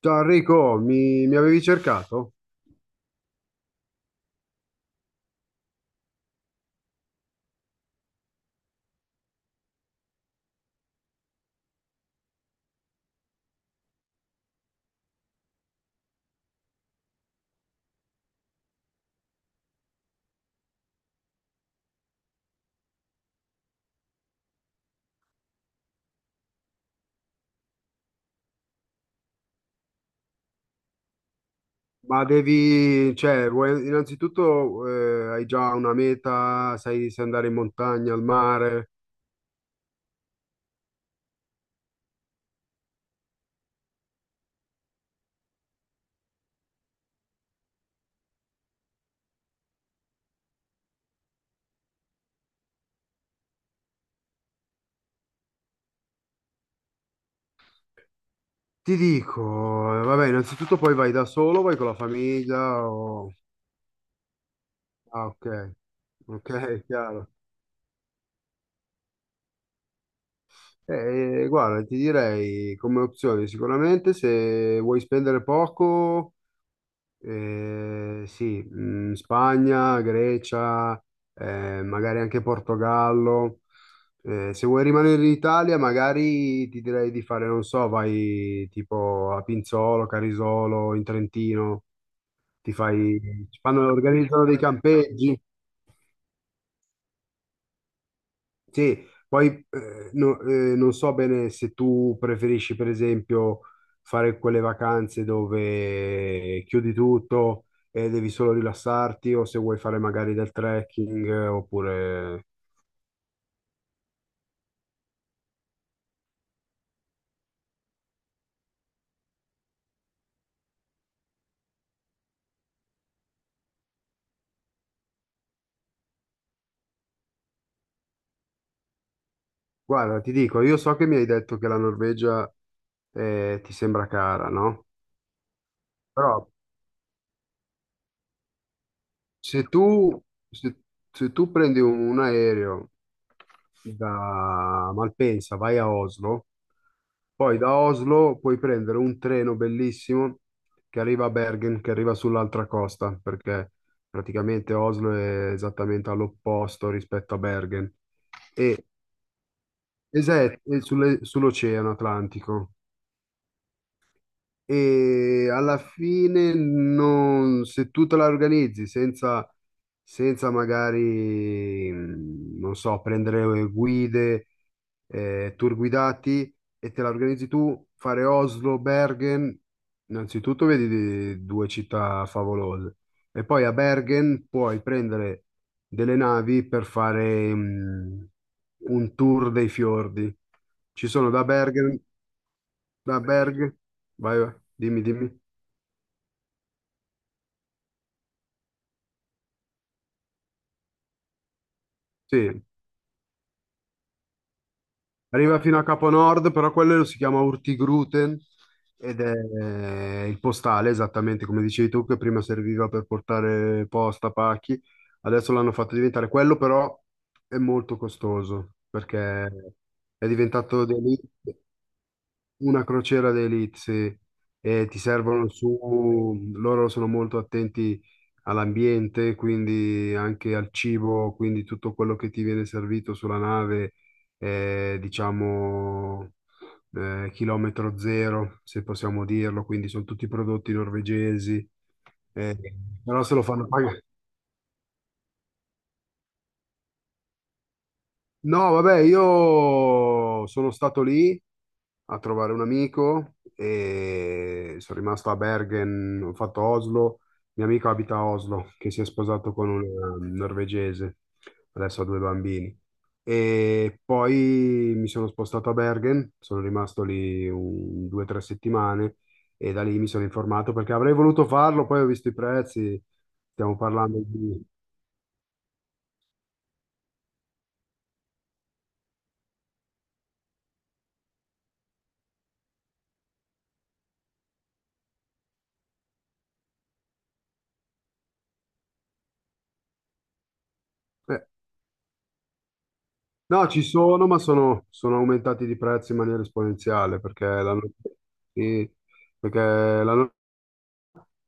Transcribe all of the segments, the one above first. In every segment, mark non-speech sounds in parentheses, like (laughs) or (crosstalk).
Ciao Enrico, mi avevi cercato? Ma devi, cioè, vuoi- innanzitutto hai già una meta, sai se andare in montagna, al mare? Ti dico, vabbè, innanzitutto poi vai da solo, vai con la famiglia o... Ah, ok, ok, (laughs) chiaro. Guarda, ti direi come opzione sicuramente se vuoi spendere poco. Sì, mm, Spagna, Grecia, magari anche Portogallo. Se vuoi rimanere in Italia, magari ti direi di fare, non so, vai tipo a Pinzolo, Carisolo, in Trentino, ti fai, fanno, organizzano dei campeggi. Sì, poi non so bene se tu preferisci, per esempio, fare quelle vacanze dove chiudi tutto e devi solo rilassarti, o se vuoi fare magari del trekking, oppure... Guarda, ti dico, io so che mi hai detto che la Norvegia ti sembra cara, no? Però Se tu, se- se tu prendi un aereo da Malpensa, vai a Oslo, poi da Oslo puoi prendere un treno bellissimo che arriva a Bergen, che arriva sull'altra costa, perché praticamente Oslo è esattamente all'opposto rispetto a Bergen. E, è sull'Oceano Atlantico. E alla fine non, se tu te la organizzi senza magari, non so, prendere guide, tour guidati e te la organizzi tu, fare Oslo, Bergen, innanzitutto due città favolose e poi a Bergen puoi prendere delle navi per fare, un tour dei fiordi. Ci sono da Bergen, da Berg, vai, vai, dimmi, dimmi. Sì, arriva fino a Capo Nord, però quello si chiama Urtigruten ed è il postale, esattamente come dicevi tu, che prima serviva per portare posta, pacchi, adesso l'hanno fatto diventare quello, però è molto costoso perché è diventato delitto. Una crociera d'élite, sì, e ti servono su, loro sono molto attenti all'ambiente, quindi anche al cibo, quindi tutto quello che ti viene servito sulla nave è, diciamo, chilometro zero, se possiamo dirlo, quindi sono tutti prodotti norvegesi, eh, però se lo fanno pagare. No, vabbè, io sono stato lì a trovare un amico e sono rimasto a Bergen, ho fatto Oslo. Mio amico abita a Oslo, che si è sposato con una norvegese, adesso ha due bambini. E poi mi sono spostato a Bergen, sono rimasto lì due o tre settimane e da lì mi sono informato perché avrei voluto farlo, poi ho visto i prezzi, stiamo parlando di... eh, No, ci sono, ma sono aumentati di prezzo in maniera esponenziale perché sì, perché l'hanno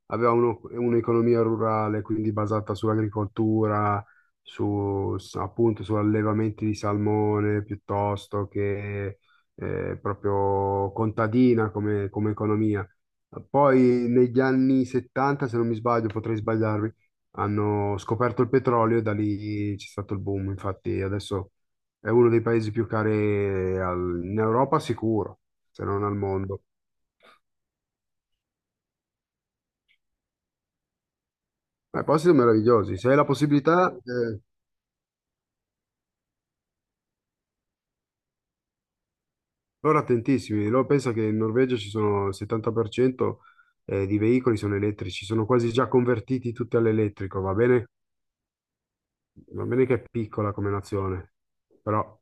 aveva un'economia rurale, quindi basata sull'agricoltura, appunto su allevamenti di salmone piuttosto che proprio contadina come, come economia. Poi negli anni 70, se non mi sbaglio, potrei sbagliarmi, hanno scoperto il petrolio e da lì c'è stato il boom. Infatti adesso è uno dei paesi più cari in Europa sicuro, se non al mondo. Ma i posti sono meravigliosi. Se hai la possibilità, eh. Loro attentissimi, loro pensa che in Norvegia ci sono il 70% di veicoli sono elettrici, sono quasi già convertiti tutti all'elettrico, va bene? Va bene che è piccola come nazione, però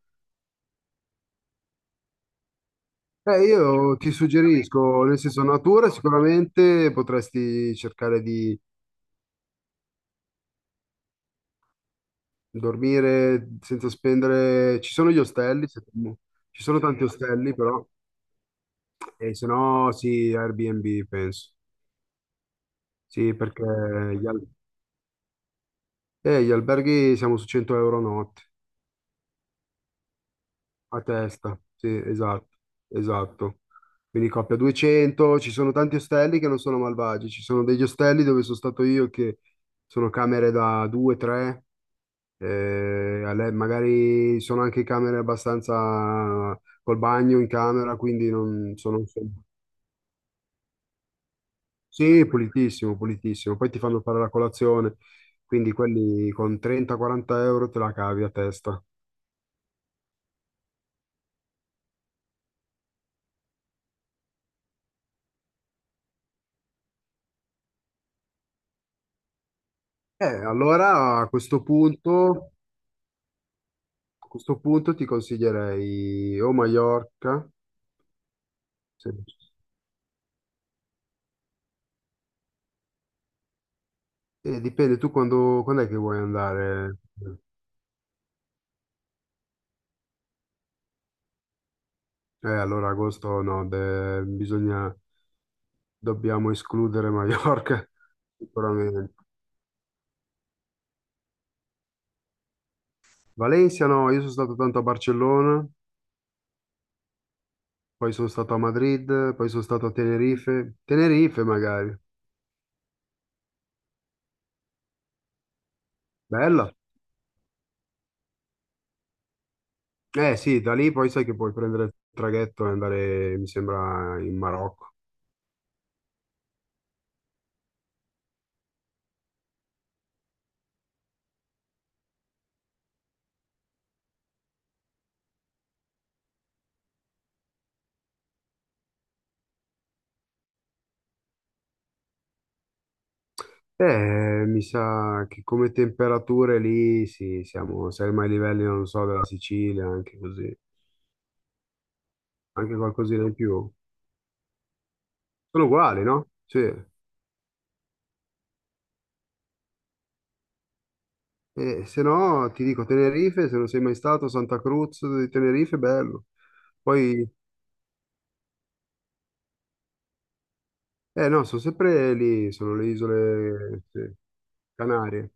io ti suggerisco, nel senso natura sicuramente potresti cercare di dormire senza spendere, ci sono gli ostelli, ci sono tanti ostelli però, e se no sì, Airbnb penso, sì perché gli, al- gli alberghi siamo su 100 € notte. A testa, sì, esatto, esatto. Quindi coppia 200, ci sono tanti ostelli che non sono malvagi, ci sono degli ostelli dove sono stato io che sono camere da 2, 3, magari sono anche camere abbastanza col bagno in camera, quindi non sono... insomma. Sì, pulitissimo, pulitissimo. Poi ti fanno fare la colazione, quindi quelli con 30-40 € te la cavi a testa. Allora a questo punto... A questo punto ti consiglierei o Maiorca, se- dipende tu quando, quando è che vuoi andare. Allora agosto no, bisogna, dobbiamo escludere Maiorca, (laughs) sicuramente. Valencia no, io sono stato tanto a Barcellona, poi sono stato a Madrid, poi sono stato a Tenerife. Tenerife magari, bella. Eh sì, da lì poi sai che puoi prendere il traghetto e andare, mi sembra, in Marocco. Mi sa che come temperature lì sì, siamo ai livelli, non so, della Sicilia, anche così, anche qualcosina in più. Sono uguali, no? Sì. E se no, ti dico Tenerife, se non sei mai stato, Santa Cruz di Tenerife, bello. Poi, no, sono sempre lì, sono le isole, sì, Canarie.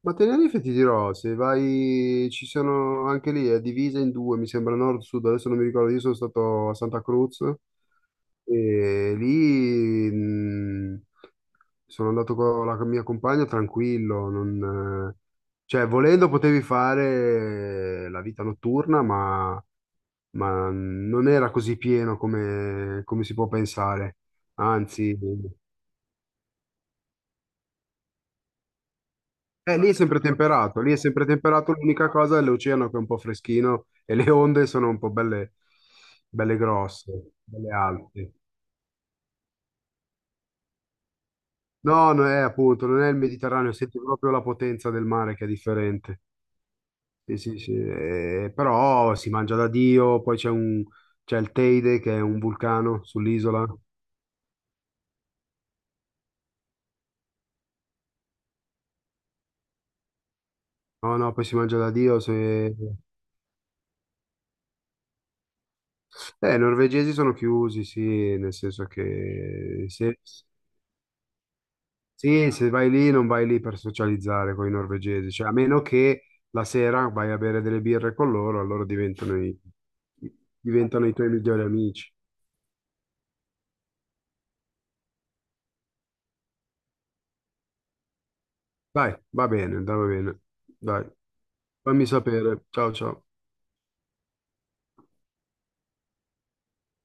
Ma Tenerife ti dirò, se vai, ci sono anche lì, è divisa in due, mi sembra nord-sud, adesso non mi ricordo, io sono stato a Santa Cruz e lì sono andato con la mia compagna tranquillo, non, cioè volendo potevi fare la vita notturna, ma non era così pieno come, come si può pensare, anzi... lì è sempre temperato, lì è sempre temperato, l'unica cosa è l'oceano che è un po' freschino e le onde sono un po' belle, belle grosse, belle alte. No, non è appunto, non è il Mediterraneo, senti proprio la potenza del mare che è differente. Sì, sì, sì. Però si mangia da Dio, poi c'è il Teide che è un vulcano sull'isola. No, no, poi si mangia da Dio. Se... i norvegesi sono chiusi, sì, nel senso che se, sì, se vai lì non vai lì per socializzare con i norvegesi, cioè a meno che la sera vai a bere delle birre con loro, allora diventano i tuoi migliori amici. Dai, va bene, dai, va bene. Dai, fammi sapere. Ciao, ciao.